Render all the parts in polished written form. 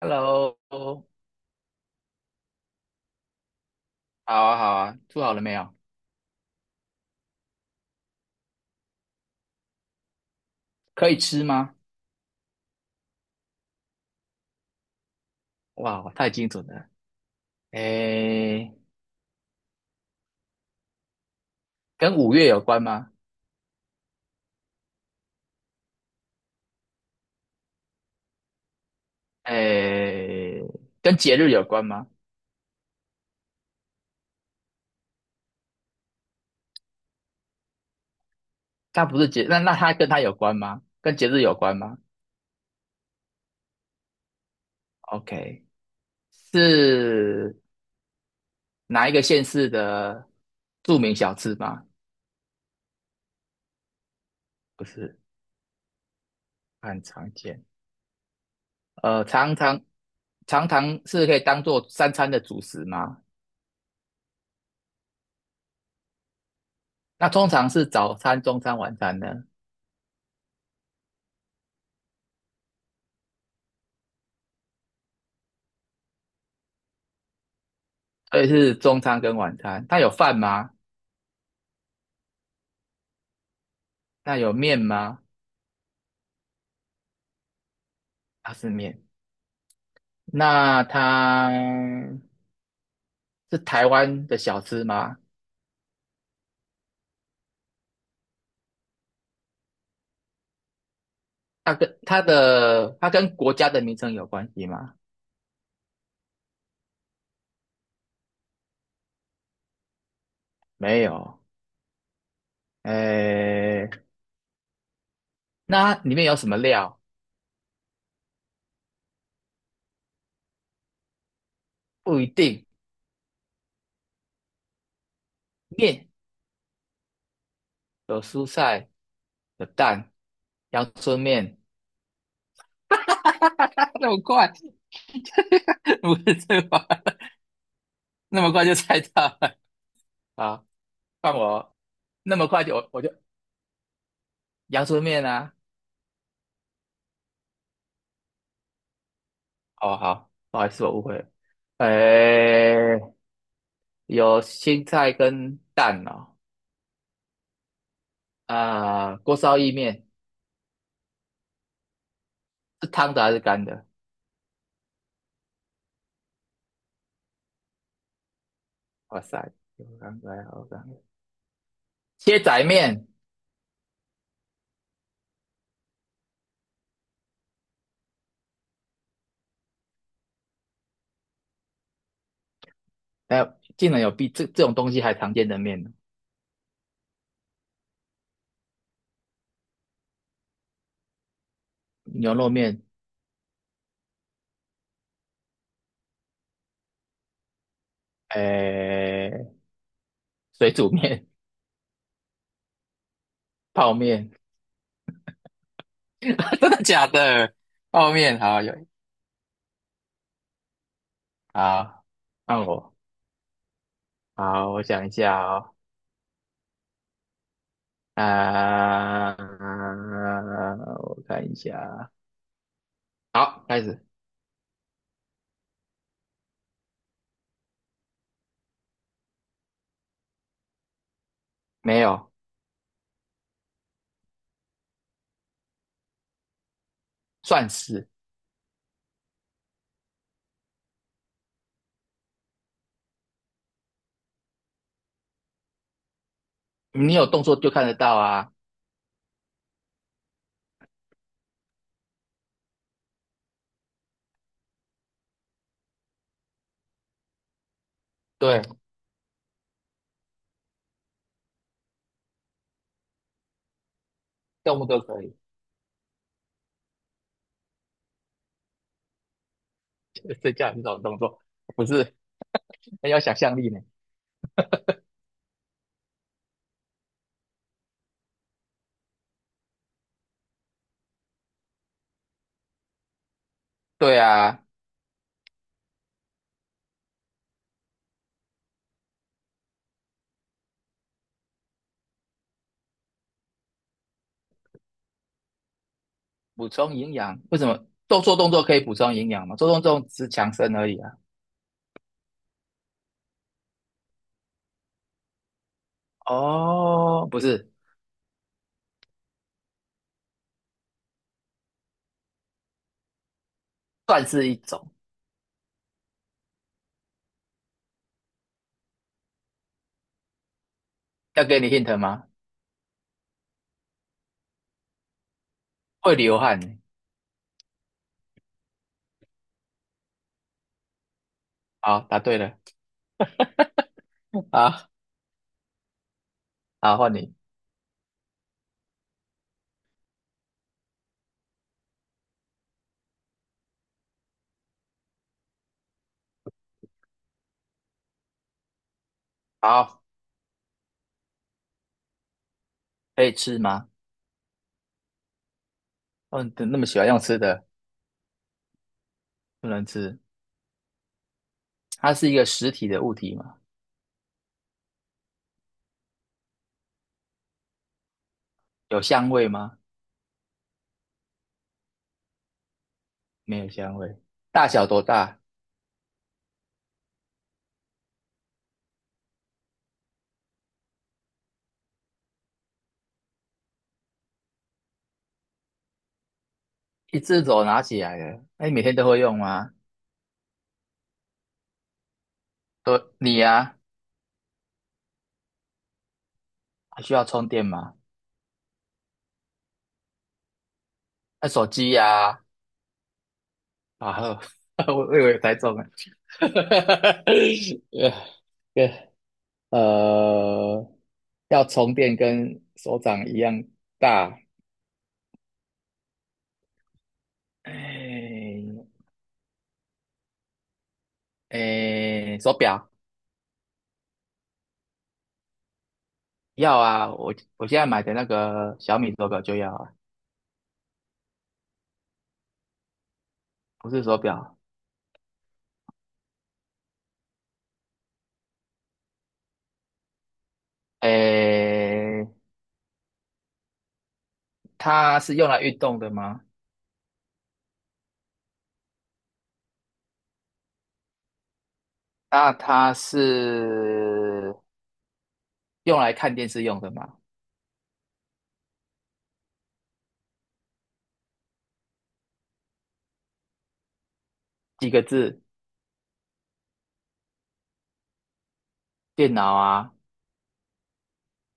Hello，好啊，好啊，做好了没有？可以吃吗？哇，太精准了。诶，跟五月有关吗？诶，跟节日有关吗？它不是节，那它跟它有关吗？跟节日有关吗？OK，是哪一个县市的著名小吃吗？不是，很常见。呃，常常常常是可以当做三餐的主食吗？那通常是早餐、中餐、晚餐呢？所以是中餐跟晚餐。它有饭吗？那有面吗？它是面。那它是台湾的小吃吗？它跟国家的名称有关系吗？没有。诶，那它里面有什么料？不一定。面有蔬菜，有蛋，阳春面。那么快，不是这个吧。 那么快就猜到了。好，换我。那么快就我就阳春面啊。哦，好，不好意思，我误会了。诶，有青菜跟蛋哦。啊、锅烧意面是汤的还是干的？哇塞，有干的，有干的。切仔面，哎、竟然有比这种东西还常见的面呢？牛肉面，诶，水煮面，泡面，真的假的？泡面，好有，好，换我，好，我想一下哦。啊、我看一下，好，开始。没有，算是你有动作就看得到啊。对，动物都可以，睡觉也是种动作，不是很有想象力呢。对啊，补充营养，为什么做做动作可以补充营养吗？做动作只是强身而已啊。哦，不是，算是一种。要给你 hint 吗？会流汗呢。好，答对了。好，好，换你。好，可以吃吗？嗯，那么喜欢用吃的，不能吃。它是一个实体的物体吗？有香味吗？没有香味。大小多大？一只手拿起来的。那你每天都会用吗？都你呀、还需要充电吗？那手机呀、啊，好，我以为猜中了。呃呃，要充电跟手掌一样大。哎哎，手表要啊，我现在买的那个小米手表就要啊，不是手表。哎，它是用来运动的吗？那它是用来看电视用的吗？几个字？电脑啊？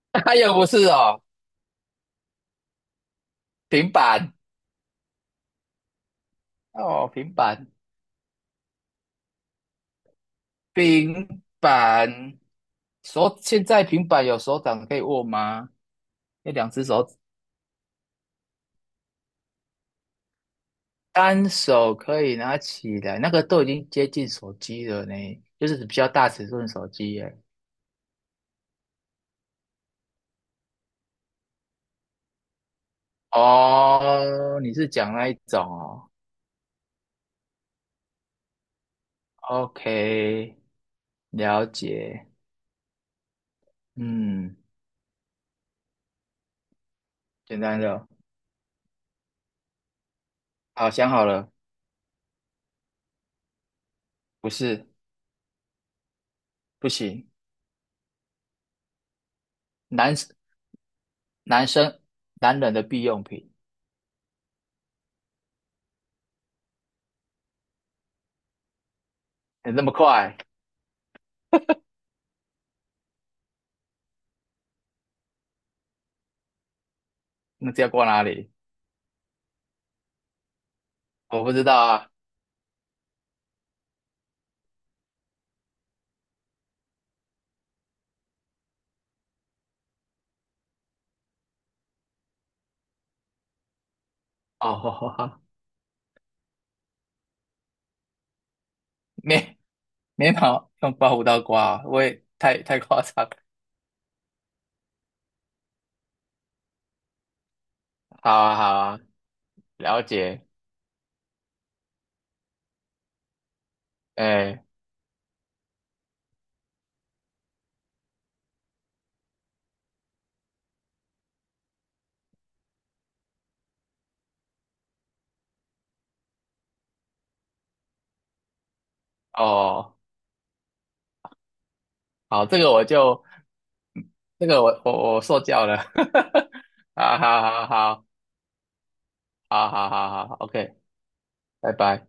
哎呀，不是哦，平板哦，平板，平板。现在平板有手掌可以握吗？那两只手，单手可以拿起来，那个都已经接近手机了呢，就是比较大尺寸的手机耶。哦，你是讲那一种哦？OK，了解。嗯，简单的哦。好，想好了，不是，不行，男男生男人的必用品，你那么快，那这要挂哪里？我不知道啊。哦，眉眉毛用刮胡刀刮啊，我也太夸张了。好啊，好啊，了解。哎，哦，好，这个我就这个我受教了。好好好好好好好好好，OK，拜拜。